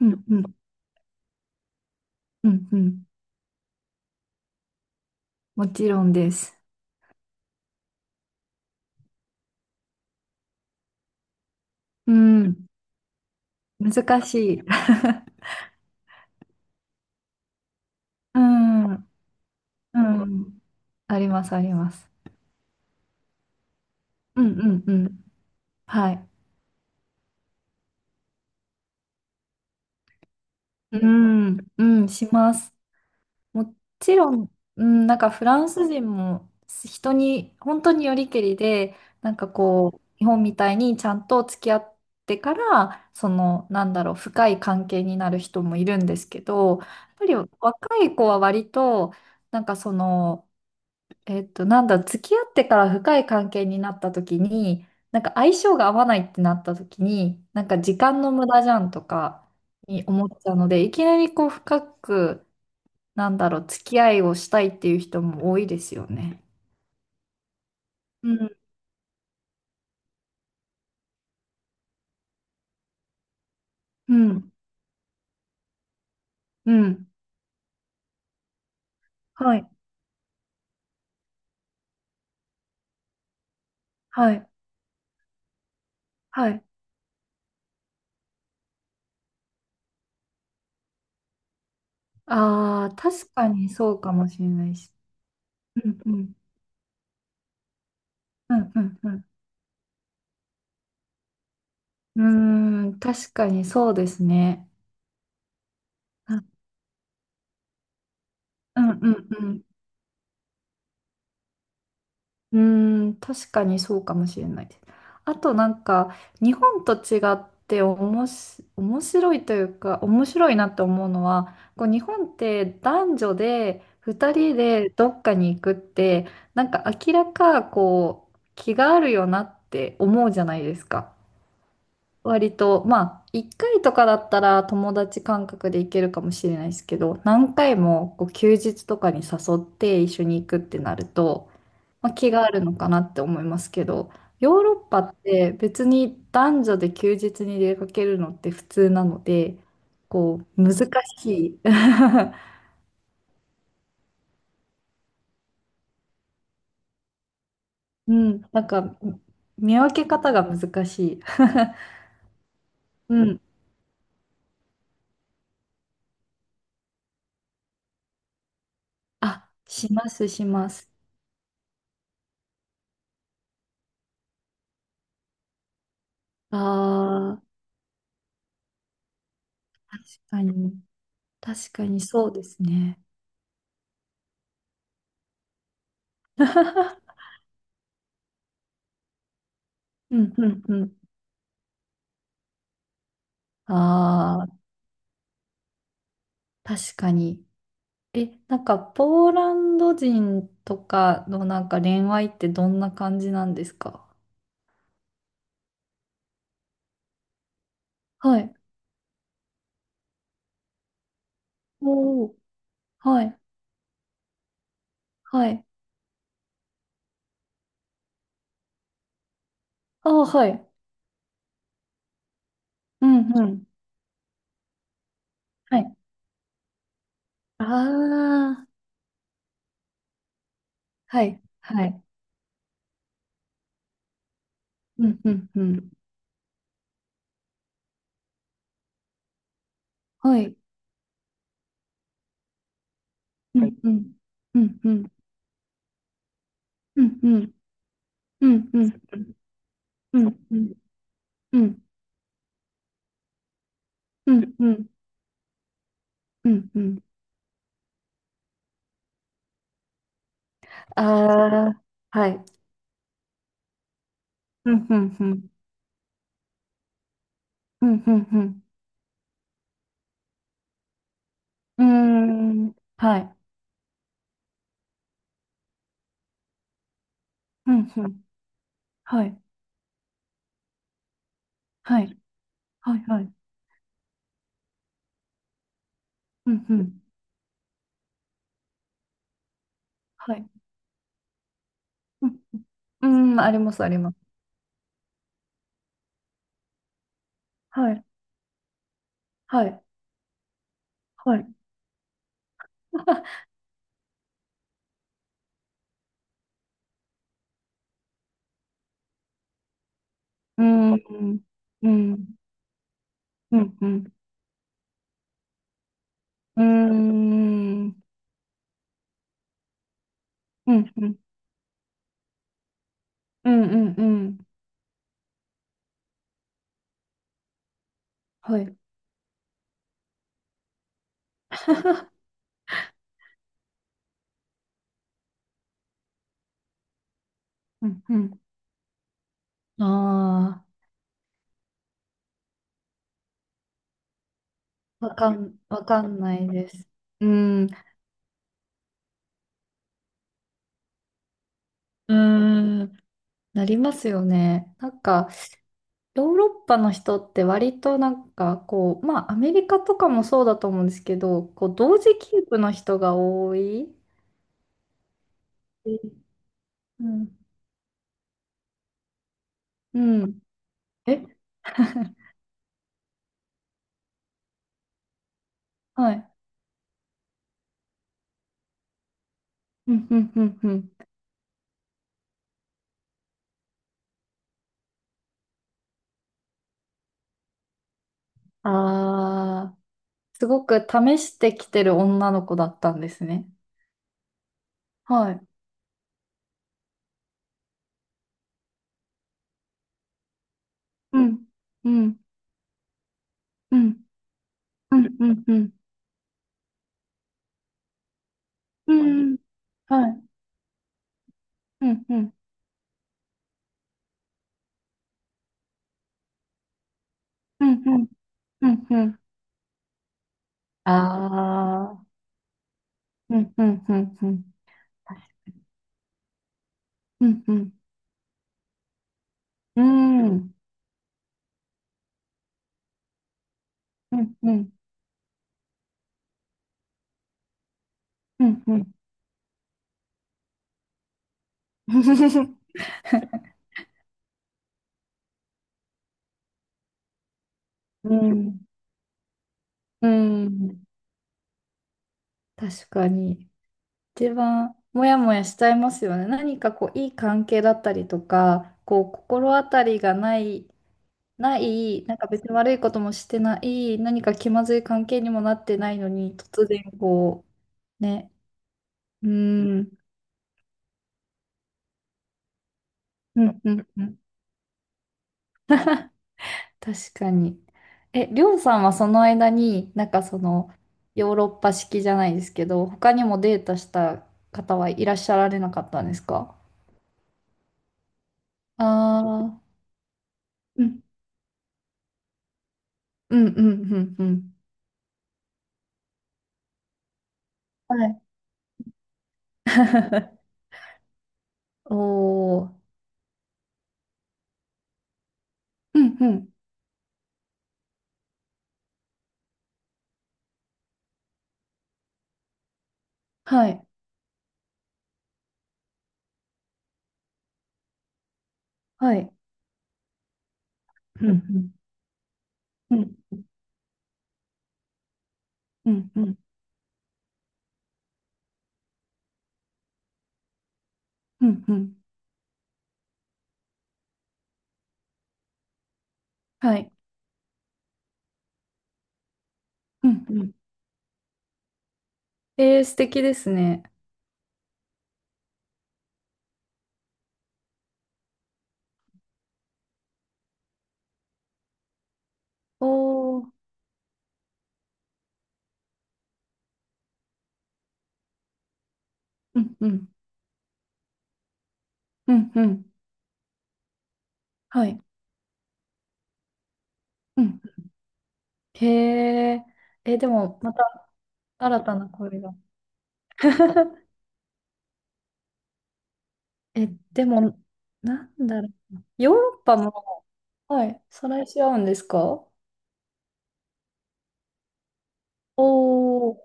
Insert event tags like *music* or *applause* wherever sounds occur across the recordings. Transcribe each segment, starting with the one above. うんうんうんうん。もちろんです。うん。難しい。*laughs* うん。うん。あります、あります。うんうんうん。はい。うん。うん、します。もちろん、うん、なんかフランス人も人に、本当によりけりで、なんかこう、日本みたいにちゃんと付き合ってから、深い関係になる人もいるんですけど、やっぱり若い子は割と、なんかその、えっと、なんだ、付き合ってから深い関係になった時に、なんか相性が合わないってなった時に、なんか時間の無駄じゃんとかに思っちゃうので、いきなりこう深く、付き合いをしたいっていう人も多いですよね。うん、うん、うん。はい、はい、はい。ああ、確かにそうかもしれないし。うん、うん、うん、うん、うん。うーん、確かにそうですね。うん、うん、うん、うん。うーん、確かにそうかもしれないです。あとなんか、日本と違っておもし、面白いというか、面白いなって思うのは、こう日本って男女で2人でどっかに行くって、なんか明らかこう、気があるよなって思うじゃないですか。割と、まあ、1回とかだったら友達感覚で行けるかもしれないですけど、何回もこう休日とかに誘って一緒に行くってなると、まあ、気があるのかなって思いますけど、ヨーロッパって別に男女で休日に出かけるのって普通なので、こう、難しい。*laughs* うん、なんか、見分け方が難しい。*laughs* うん。あ、します、します。ああ、確かに。確かにそうですね。*laughs* うん、うん、うん。ああ、確かに。え、なんか、ポーランド人とかのなんか恋愛ってどんな感じなんですか？はい。おお。はい。はい。ああ、はい。うんうん。はい。ああ、はい。はい。うんうんうん。はい。うんうん。うんうん。うんうん。うんうん。うんうん。うんうんうん。うんうん。ああ、はい。うんうんうん。うんうんうん。うーん。はい。うんうん。はい。はい。はいはい。うんうん。はい。うん、うん、あります、あります。はい。はい。はい。*laughs* うん。うん。うん。うん。うん。うん。うん。うん。うん。うんうんはい。*laughs* うん。うん。ああ、わかんないです。うん。うん。なりますよね。なんか、ヨーロッパの人って割となんかこう、まあアメリカとかもそうだと思うんですけど、こう同時キープの人が多い。えうん。うん。え *laughs* はい。うんうんうんうん。ああ、すごく試してきてる女の子だったんですね。はい。うん。うん。うん。うん。うん。うん。うんはい。うん。うん。うん。うん。うんうん。ああ。うん。うん。うん。うん。うん。うん。うん。うん。うん。うん。うん。うん。うん確かに。一番モヤモヤしちゃいますよね。何かこういい関係だったりとか、こう心当たりがない、ない、なんか別に悪いこともしてない、何か気まずい関係にもなってないのに、突然こう、ね、うーん、うんうんうん。*laughs* 確かに。え、りょうさんはその間に、なんかその、ヨーロッパ式じゃないですけど、他にもデートした方はいらっしゃられなかったんですか？ああー、うん、うんうんうんうん。はい *laughs* おー、うんうん。はい、はい。うんうんうんうんうんうんはい。うんうんえー、素敵ですね。おー、うんうんうんうんはい。うんへえ、えー、でも、また新たな声が。*laughs* え、でも、なんだろう。ヨーロッパも、はい、再来し合うんですか？おー、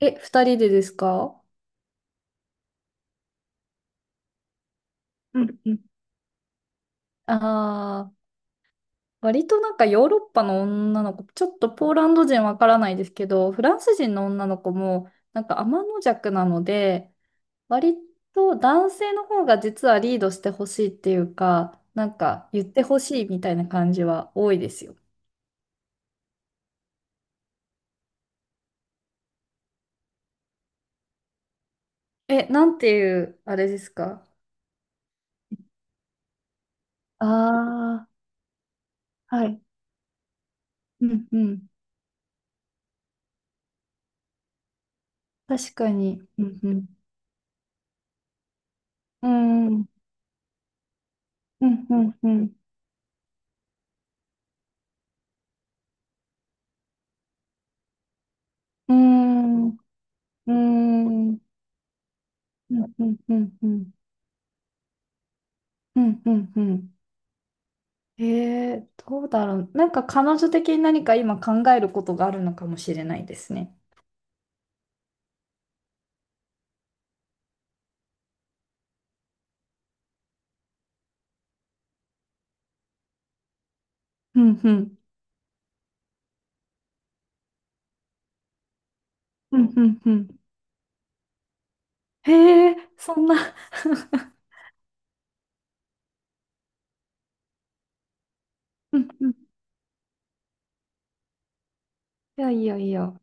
え、二人でですか？うんうんあ割となんかヨーロッパの女の子、ちょっとポーランド人わからないですけど、フランス人の女の子もなんか天邪弱なので、割と男性の方が実はリードしてほしいっていうか、なんか言ってほしいみたいな感じは多いですよ。え、なんていう、あれですか？ああー、はい。うんうん。確かに。うんうん。うーん。うんうんうん。うーん。うーん。うんうんうんうん。うんうんうん。えー、どうだろう。なんか彼女的に何か今考えることがあるのかもしれないですね。うんうん。うんうんうん。へえ、そんな。*laughs* うんうん。いやいやいや。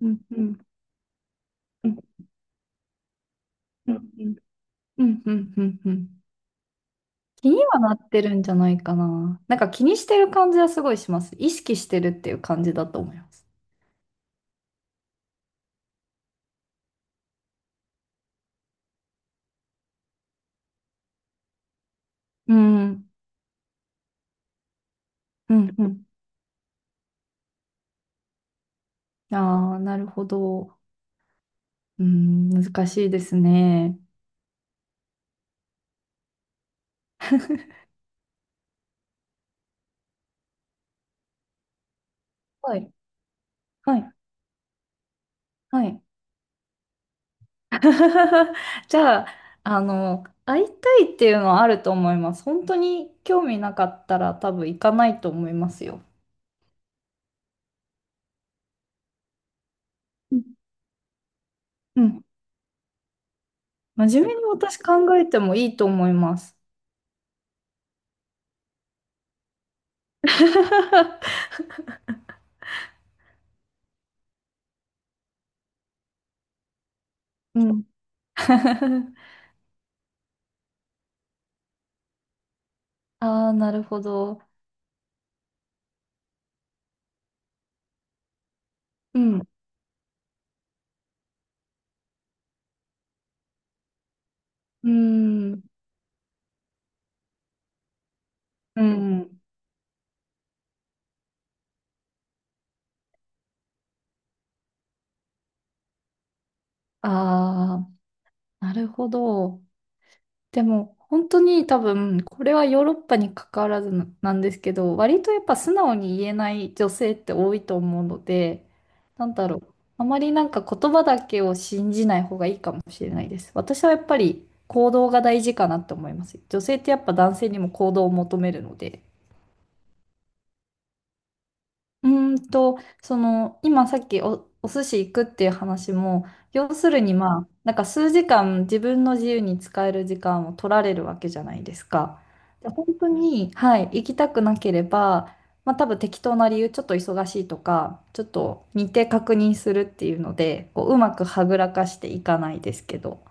うんうんうんうんうんうんうんうんうん気にはなってるんじゃないかな。なんか気にしてる感じはすごいします。意識してるっていう感じだと思います。うん。うんうん。ああ、なるほど。うん、難しいですね。はい。はい。はい。*laughs* じゃあ、あの、会いたいっていうのはあると思います。本当に興味なかったら多分行かないと思いますよ。うんうん。真面目に私考えてもいいと思います。*laughs* うん。*laughs* ああ、なるほど。うん。うん。うん。ああ、なるほど。でも本当に多分これはヨーロッパに関わらずななんですけど、割とやっぱ素直に言えない女性って多いと思うので、なんだろう、あまりなんか言葉だけを信じない方がいいかもしれないです。私はやっぱり行動が大事かなって思います。女性ってやっぱ男性にも行動を求めるので。その、今さっきお、お寿司行くっていう話も、要するにまあ、なんか数時間自分の自由に使える時間を取られるわけじゃないですか。で本当に、はい、行きたくなければ、まあ多分適当な理由、ちょっと忙しいとか、ちょっと日程確認するっていうので、こう、うまくはぐらかしていかないですけど。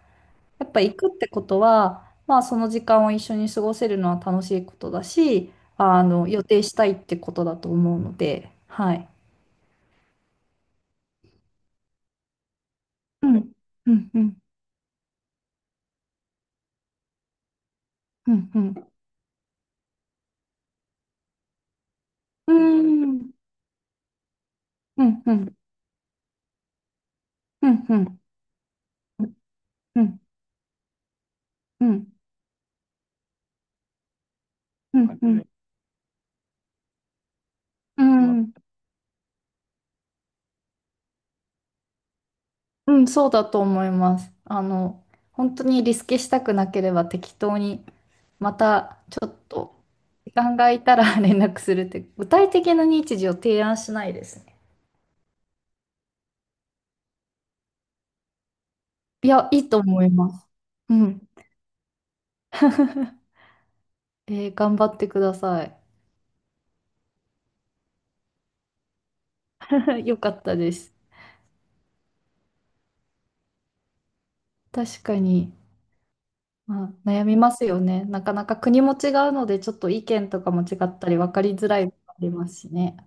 やっぱ行くってことは、まあその時間を一緒に過ごせるのは楽しいことだし、あの、予定したいってことだと思うので、はい。うん、うん、うん、うん、うん、うん、うん、うん、うん、うん、うん、うん、うん、うん、うん、うんそうだと思います。あの、本当にリスケしたくなければ適当に、またちょっと時間が空いたら *laughs* 連絡するって、具体的な日時を提案しないです。いや、いいと思います。うん。*laughs* えー頑張ってください。*laughs* よかったです。確かに、まあ、悩みますよね。なかなか国も違うので、ちょっと意見とかも違ったり、分かりづらいのもありますしね。